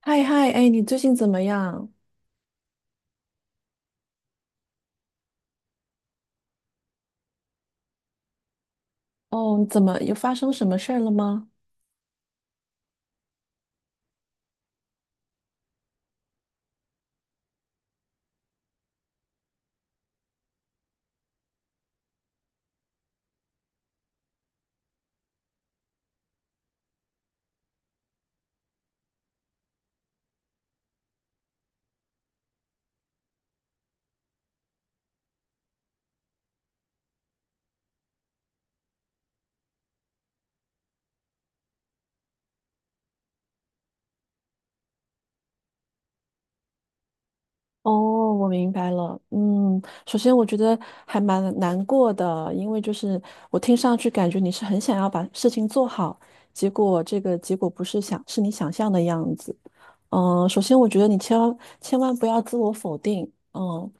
嗨嗨，哎，你最近怎么样？哦，怎么又发生什么事儿了吗？哦，我明白了。嗯，首先我觉得还蛮难过的，因为就是我听上去感觉你是很想要把事情做好，结果这个结果不是想是你想象的样子。嗯，首先我觉得你千万不要自我否定。嗯，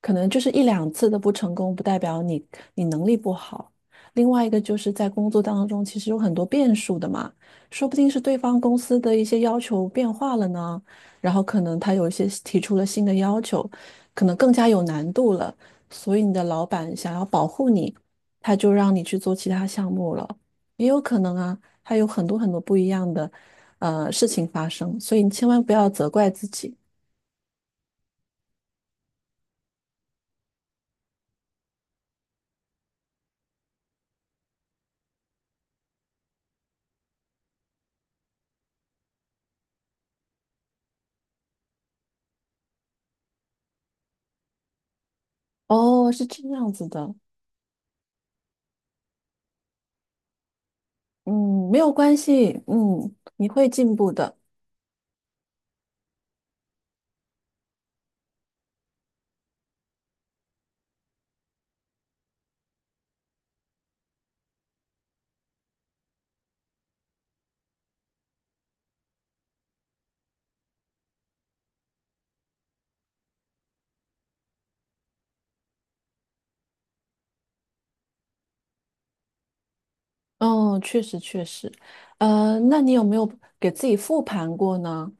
可能就是一两次的不成功，不代表你能力不好。另外一个就是在工作当中，其实有很多变数的嘛，说不定是对方公司的一些要求变化了呢。然后可能他有一些提出了新的要求，可能更加有难度了，所以你的老板想要保护你，他就让你去做其他项目了，也有可能啊，还有很多很多不一样的事情发生，所以你千万不要责怪自己。哦，是这样子的，嗯，没有关系，嗯，你会进步的。哦，确实确实，那你有没有给自己复盘过呢？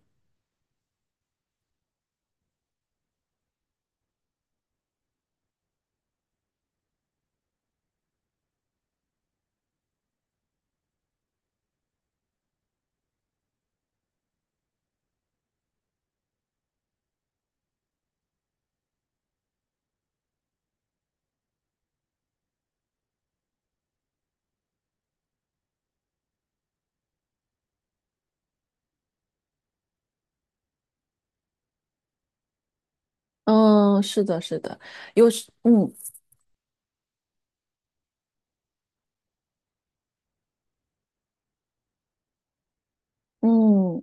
嗯，是的，是的，有时，嗯嗯。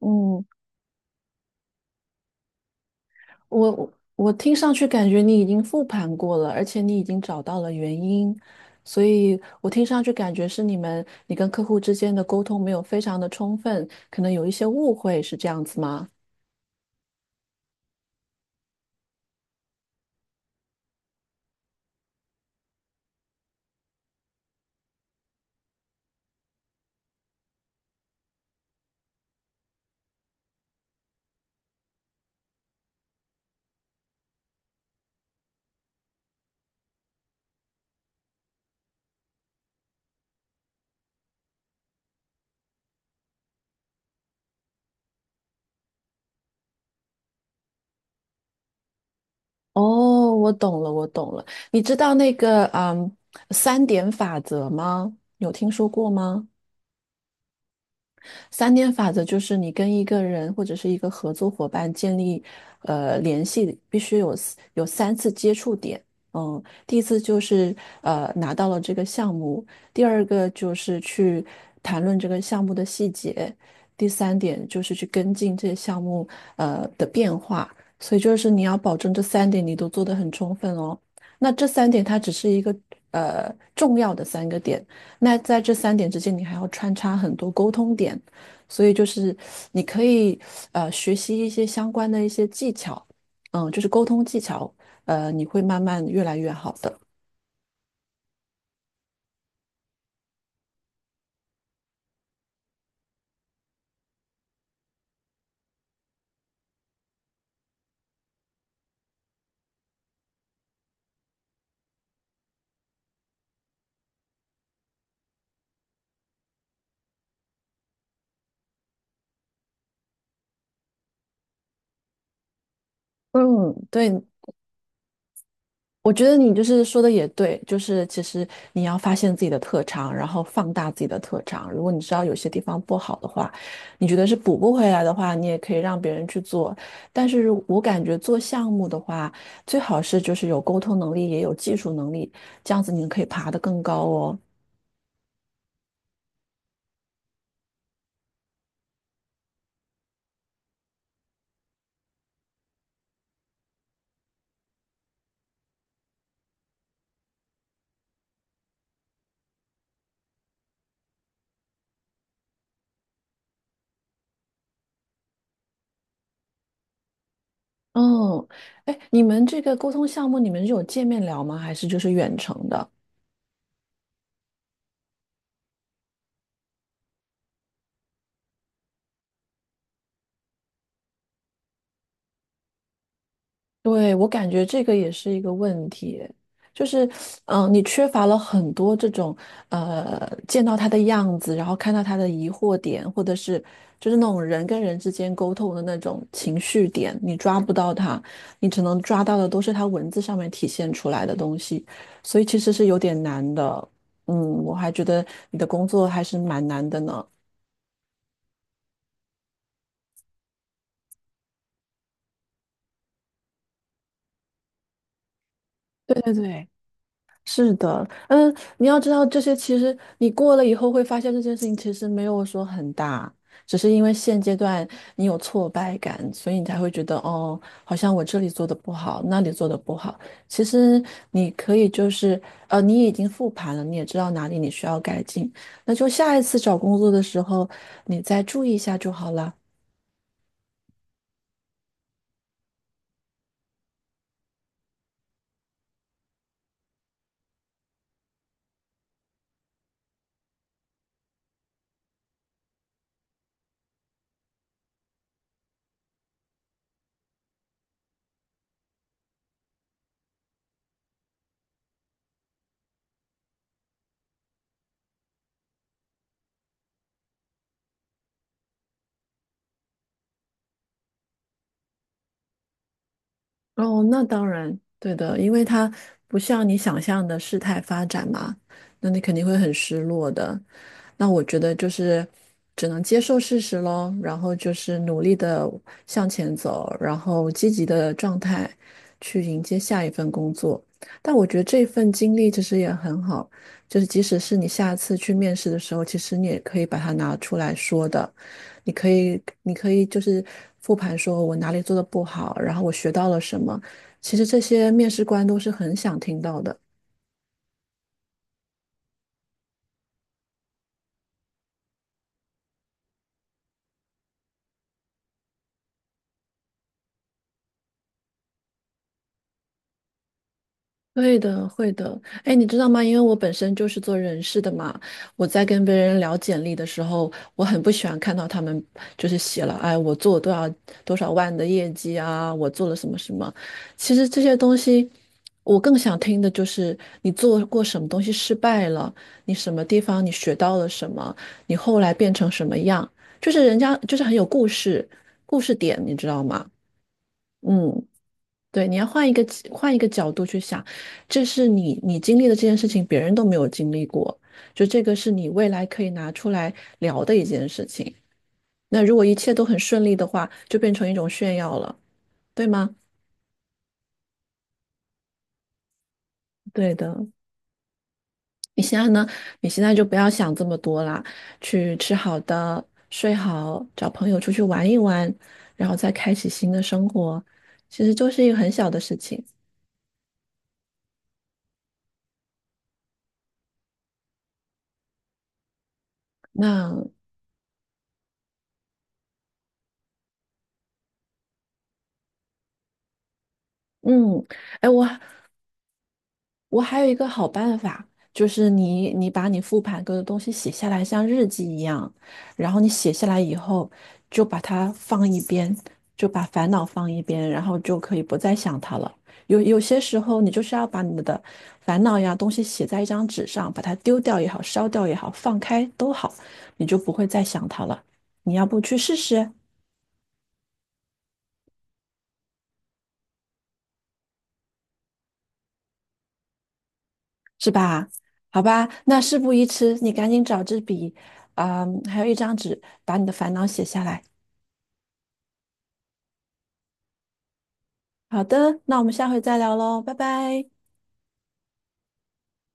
嗯，我听上去感觉你已经复盘过了，而且你已经找到了原因，所以我听上去感觉是你跟客户之间的沟通没有非常的充分，可能有一些误会，是这样子吗？哦，我懂了，我懂了。你知道那个三点法则吗？有听说过吗？三点法则就是你跟一个人或者是一个合作伙伴建立联系，必须有三次接触点。嗯，第一次就是拿到了这个项目，第二个就是去谈论这个项目的细节，第三点就是去跟进这些项目的变化。所以就是你要保证这三点你都做得很充分哦。那这三点它只是一个重要的三个点。那在这三点之间，你还要穿插很多沟通点，所以就是你可以学习一些相关的一些技巧，嗯，就是沟通技巧，你会慢慢越来越好的。嗯，对，我觉得你就是说的也对，就是其实你要发现自己的特长，然后放大自己的特长。如果你知道有些地方不好的话，你觉得是补不回来的话，你也可以让别人去做。但是我感觉做项目的话，最好是就是有沟通能力，也有技术能力，这样子你可以爬得更高哦。嗯，哎，你们这个沟通项目，你们是有见面聊吗？还是就是远程的？对，我感觉这个也是一个问题，就是，嗯、你缺乏了很多这种，见到他的样子，然后看到他的疑惑点，或者是就是那种人跟人之间沟通的那种情绪点，你抓不到他，你只能抓到的都是他文字上面体现出来的东西，所以其实是有点难的。嗯，我还觉得你的工作还是蛮难的呢。对对对，是的，嗯，你要知道这些，其实你过了以后会发现这件事情其实没有说很大，只是因为现阶段你有挫败感，所以你才会觉得哦，好像我这里做的不好，那里做的不好。其实你可以就是你已经复盘了，你也知道哪里你需要改进，那就下一次找工作的时候你再注意一下就好了。哦，那当然，对的，因为它不像你想象的事态发展嘛，那你肯定会很失落的。那我觉得就是只能接受事实喽，然后就是努力的向前走，然后积极的状态去迎接下一份工作。但我觉得这份经历其实也很好，就是即使是你下次去面试的时候，其实你也可以把它拿出来说的，你可以就是复盘说我哪里做的不好，然后我学到了什么，其实这些面试官都是很想听到的。会的，会的。哎，你知道吗？因为我本身就是做人事的嘛，我在跟别人聊简历的时候，我很不喜欢看到他们就是写了，哎，我做了多少万的业绩啊，我做了什么什么。其实这些东西，我更想听的就是你做过什么东西失败了，你什么地方你学到了什么，你后来变成什么样，就是人家就是很有故事，故事点，你知道吗？嗯。对，你要换一个角度去想，这是你经历的这件事情，别人都没有经历过，就这个是你未来可以拿出来聊的一件事情。那如果一切都很顺利的话，就变成一种炫耀了，对吗？对的。你现在呢？你现在就不要想这么多啦，去吃好的，睡好，找朋友出去玩一玩，然后再开启新的生活，其实就是一个很小的事情。那嗯，哎，我我还有一个好办法，就是你把你复盘过的东西写下来，像日记一样，然后你写下来以后，就把它放一边，就把烦恼放一边，然后就可以不再想它了。有些时候，你就是要把你的烦恼呀东西写在一张纸上，把它丢掉也好，烧掉也好，放开都好，你就不会再想它了。你要不去试试，是吧？好吧，那事不宜迟，你赶紧找支笔，啊、还有一张纸，把你的烦恼写下来。好的，那我们下回再聊喽，拜拜。